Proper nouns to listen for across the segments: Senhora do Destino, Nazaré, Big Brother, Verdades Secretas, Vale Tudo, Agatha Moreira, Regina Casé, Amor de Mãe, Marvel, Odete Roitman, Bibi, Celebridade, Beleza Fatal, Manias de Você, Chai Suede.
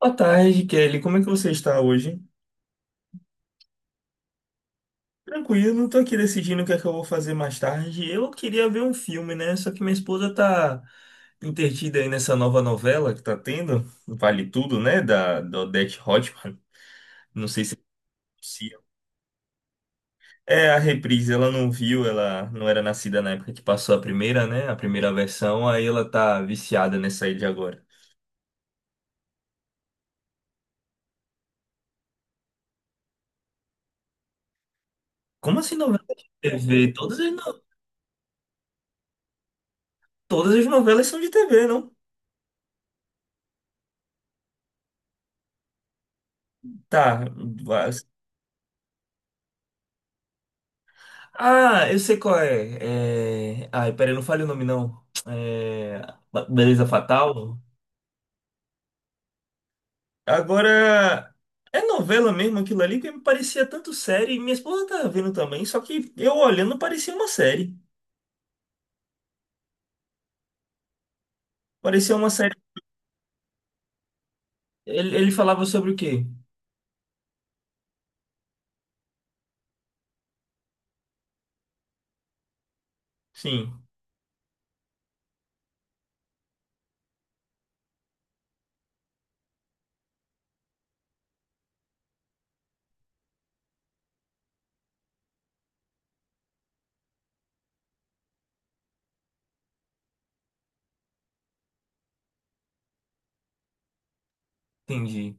Boa tarde, Kelly. Como é que você está hoje? Tranquilo, não estou aqui decidindo o que é que eu vou fazer mais tarde. Eu queria ver um filme, né? Só que minha esposa tá entretida aí nessa nova novela que tá tendo, Vale Tudo, né? Da Odete Roitman. Não sei se pronuncia. É a reprise, ela não viu, ela não era nascida na época que passou a primeira, né? A primeira versão, aí ela tá viciada nessa aí de agora. Como assim novela de TV? Todas as, no- Todas as novelas são de TV, não? Tá. Ah, eu sei qual é. Ai, peraí, não fale o nome não. É... Beleza Fatal. Agora, é novela mesmo aquilo ali que me parecia tanto série. Minha esposa tá vendo também, só que eu olhando parecia uma série. Parecia uma série. Ele falava sobre o quê? Sim, entendi.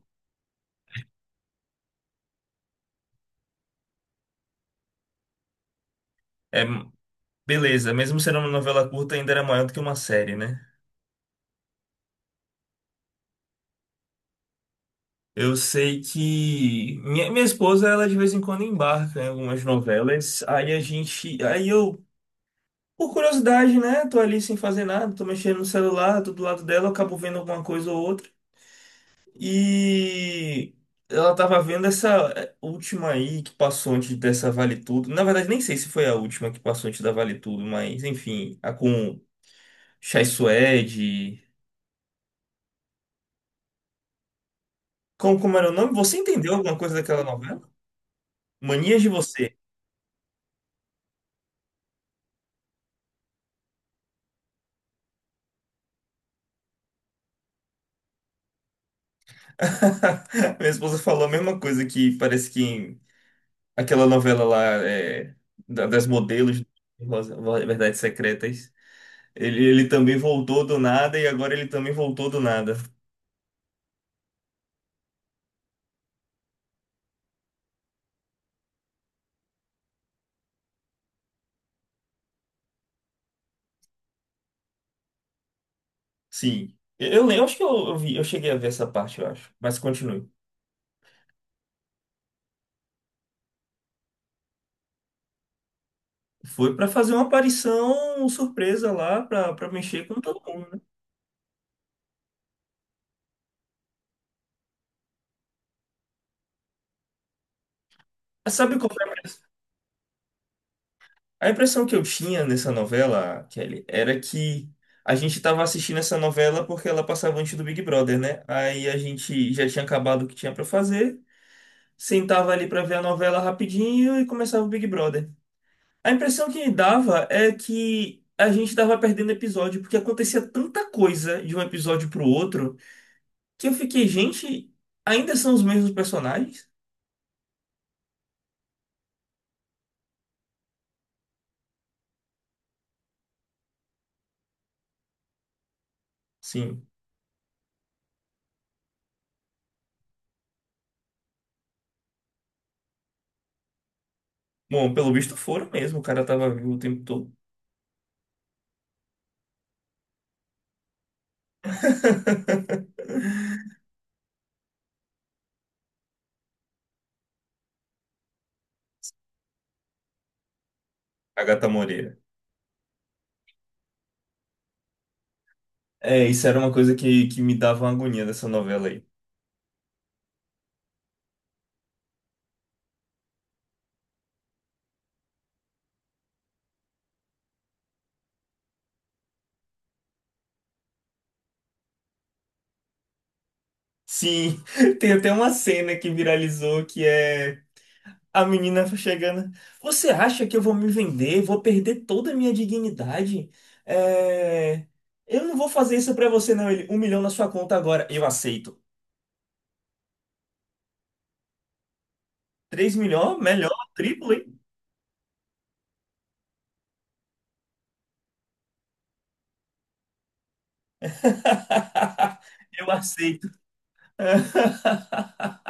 É, beleza, mesmo sendo uma novela curta, ainda era maior do que uma série, né? Eu sei que minha esposa, ela de vez em quando embarca em algumas novelas. Aí a gente. Aí eu. Por curiosidade, né? Tô ali sem fazer nada, tô mexendo no celular, tô do lado dela, acabo vendo alguma coisa ou outra. E ela tava vendo essa última aí que passou antes dessa Vale Tudo. Na verdade, nem sei se foi a última que passou antes da Vale Tudo, mas enfim, a com Chai Suede. Como era o nome? Você entendeu alguma coisa daquela novela? Manias de Você. Minha esposa falou a mesma coisa, que parece que aquela novela lá das modelos, Verdades Secretas. Ele também voltou do nada e agora ele também voltou do nada. Sim. Eu lembro, acho que eu vi, eu cheguei a ver essa parte, eu acho. Mas continue. Foi pra fazer uma aparição surpresa lá, pra pra mexer com todo mundo, né? Mas sabe qual foi a impressão? A impressão que eu tinha nessa novela, Kelly, era que a gente tava assistindo essa novela porque ela passava antes do Big Brother, né? Aí a gente já tinha acabado o que tinha pra fazer, sentava ali pra ver a novela rapidinho e começava o Big Brother. A impressão que me dava é que a gente tava perdendo episódio, porque acontecia tanta coisa de um episódio pro outro, que eu fiquei, gente, ainda são os mesmos personagens? Sim. Bom, pelo visto foram mesmo, o cara tava vivo o tempo todo. Agatha Moreira. É, isso era uma coisa que me dava uma agonia dessa novela aí. Sim, tem até uma cena que viralizou que é a menina chegando. Você acha que eu vou me vender? Vou perder toda a minha dignidade? É, eu não vou fazer isso pra você, não. Ele, um milhão na sua conta agora. Eu aceito. Três milhões? Melhor, triplo, hein? Eu aceito.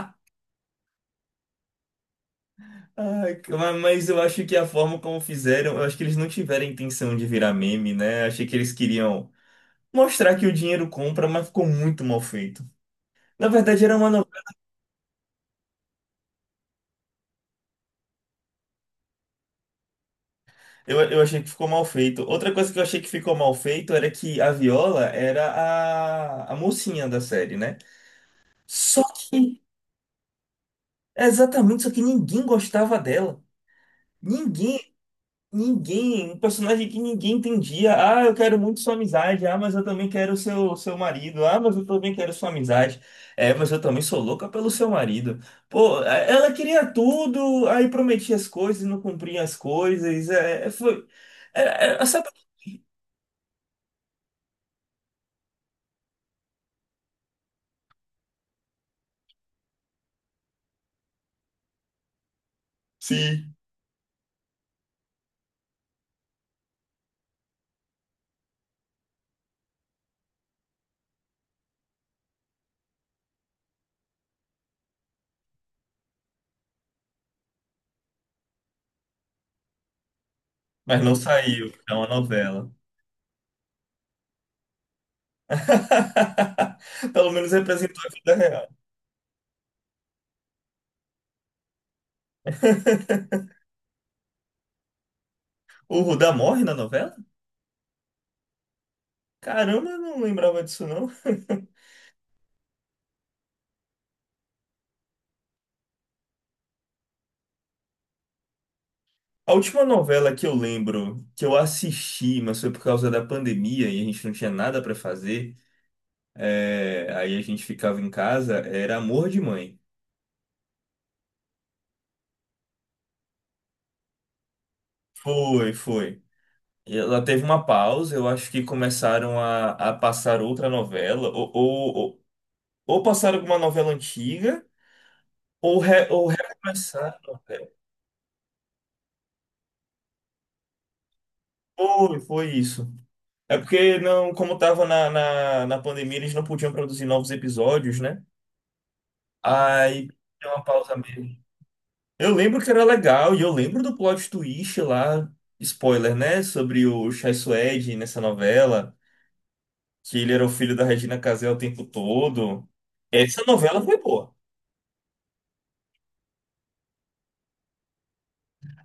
Ai, cara, mas eu acho que a forma como fizeram, eu acho que eles não tiveram a intenção de virar meme, né? Achei que eles queriam mostrar que o dinheiro compra, mas ficou muito mal feito. Na verdade, era uma. Eu achei que ficou mal feito. Outra coisa que eu achei que ficou mal feito era que a Viola era a mocinha da série, né? Só que, exatamente, só que ninguém gostava dela. Ninguém, um personagem que ninguém entendia. Ah, eu quero muito sua amizade. Ah, mas eu também quero seu marido. Ah, mas eu também quero sua amizade. É, mas eu também sou louca pelo seu marido. Pô, é, ela queria tudo, aí prometia as coisas, não cumpria as coisas. Sabe? Sim. Mas não saiu, é uma novela. Pelo menos representou a vida real. O Rudá morre na novela? Caramba, eu não lembrava disso não. A última novela que eu lembro, que eu assisti, mas foi por causa da pandemia e a gente não tinha nada pra fazer, aí a gente ficava em casa, era Amor de Mãe. Foi, foi. E ela teve uma pausa, eu acho que começaram a passar outra novela, ou passaram alguma novela antiga. Ou recomeçar. Não, pera. Foi, foi isso. É porque não, como estava na pandemia, eles não podiam produzir novos episódios, né? Aí deu uma pausa mesmo. Eu lembro que era legal, e eu lembro do plot twist lá, spoiler, né? Sobre o Chai Suede nessa novela, que ele era o filho da Regina Casé o tempo todo. Essa novela foi boa.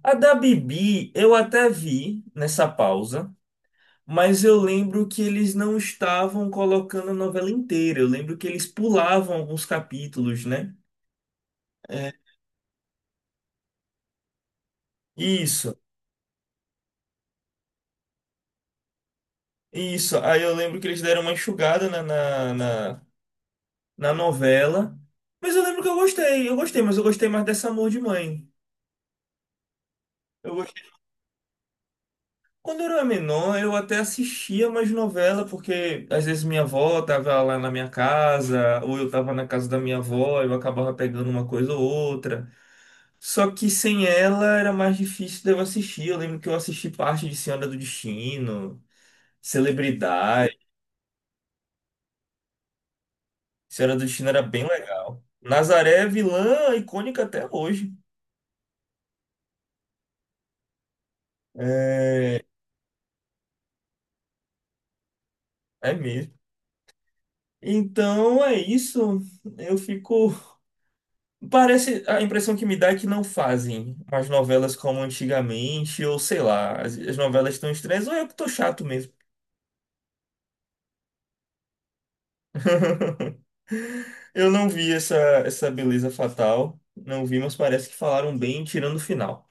A da Bibi, eu até vi nessa pausa. Mas eu lembro que eles não estavam colocando a novela inteira. Eu lembro que eles pulavam alguns capítulos, né? É. Isso, isso. Aí eu lembro que eles deram uma enxugada na novela. Mas eu lembro que eu gostei, mas eu gostei mais dessa Amor de Mãe. Eu gostei. Quando eu era menor, eu até assistia mais novela, porque às vezes minha avó tava lá na minha casa, ou eu tava na casa da minha avó, eu acabava pegando uma coisa ou outra. Só que sem ela era mais difícil de eu assistir. Eu lembro que eu assisti parte de Senhora do Destino, Celebridade. Senhora do Destino era bem legal. Nazaré é vilã icônica até hoje. É, é mesmo. Então é isso. Eu fico. Parece. A impressão que me dá é que não fazem as novelas como antigamente, ou sei lá, as novelas estão estranhas, ou eu que tô chato mesmo. Eu não vi essa beleza fatal. Não vi, mas parece que falaram bem tirando o final.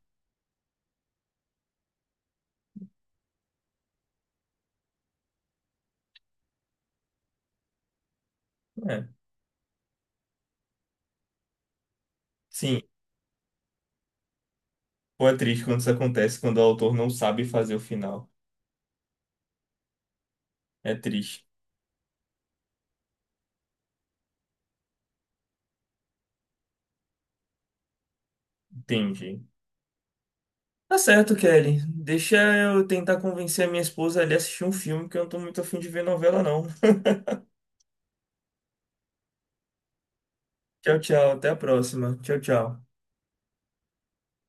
É. Sim, pô, é triste quando isso acontece, quando o autor não sabe fazer o final. É triste. Entendi. Tá certo, Kelly. Deixa eu tentar convencer a minha esposa a ali assistir um filme, que eu não tô muito afim de ver novela, não. Tchau, tchau. Até a próxima. Tchau, tchau.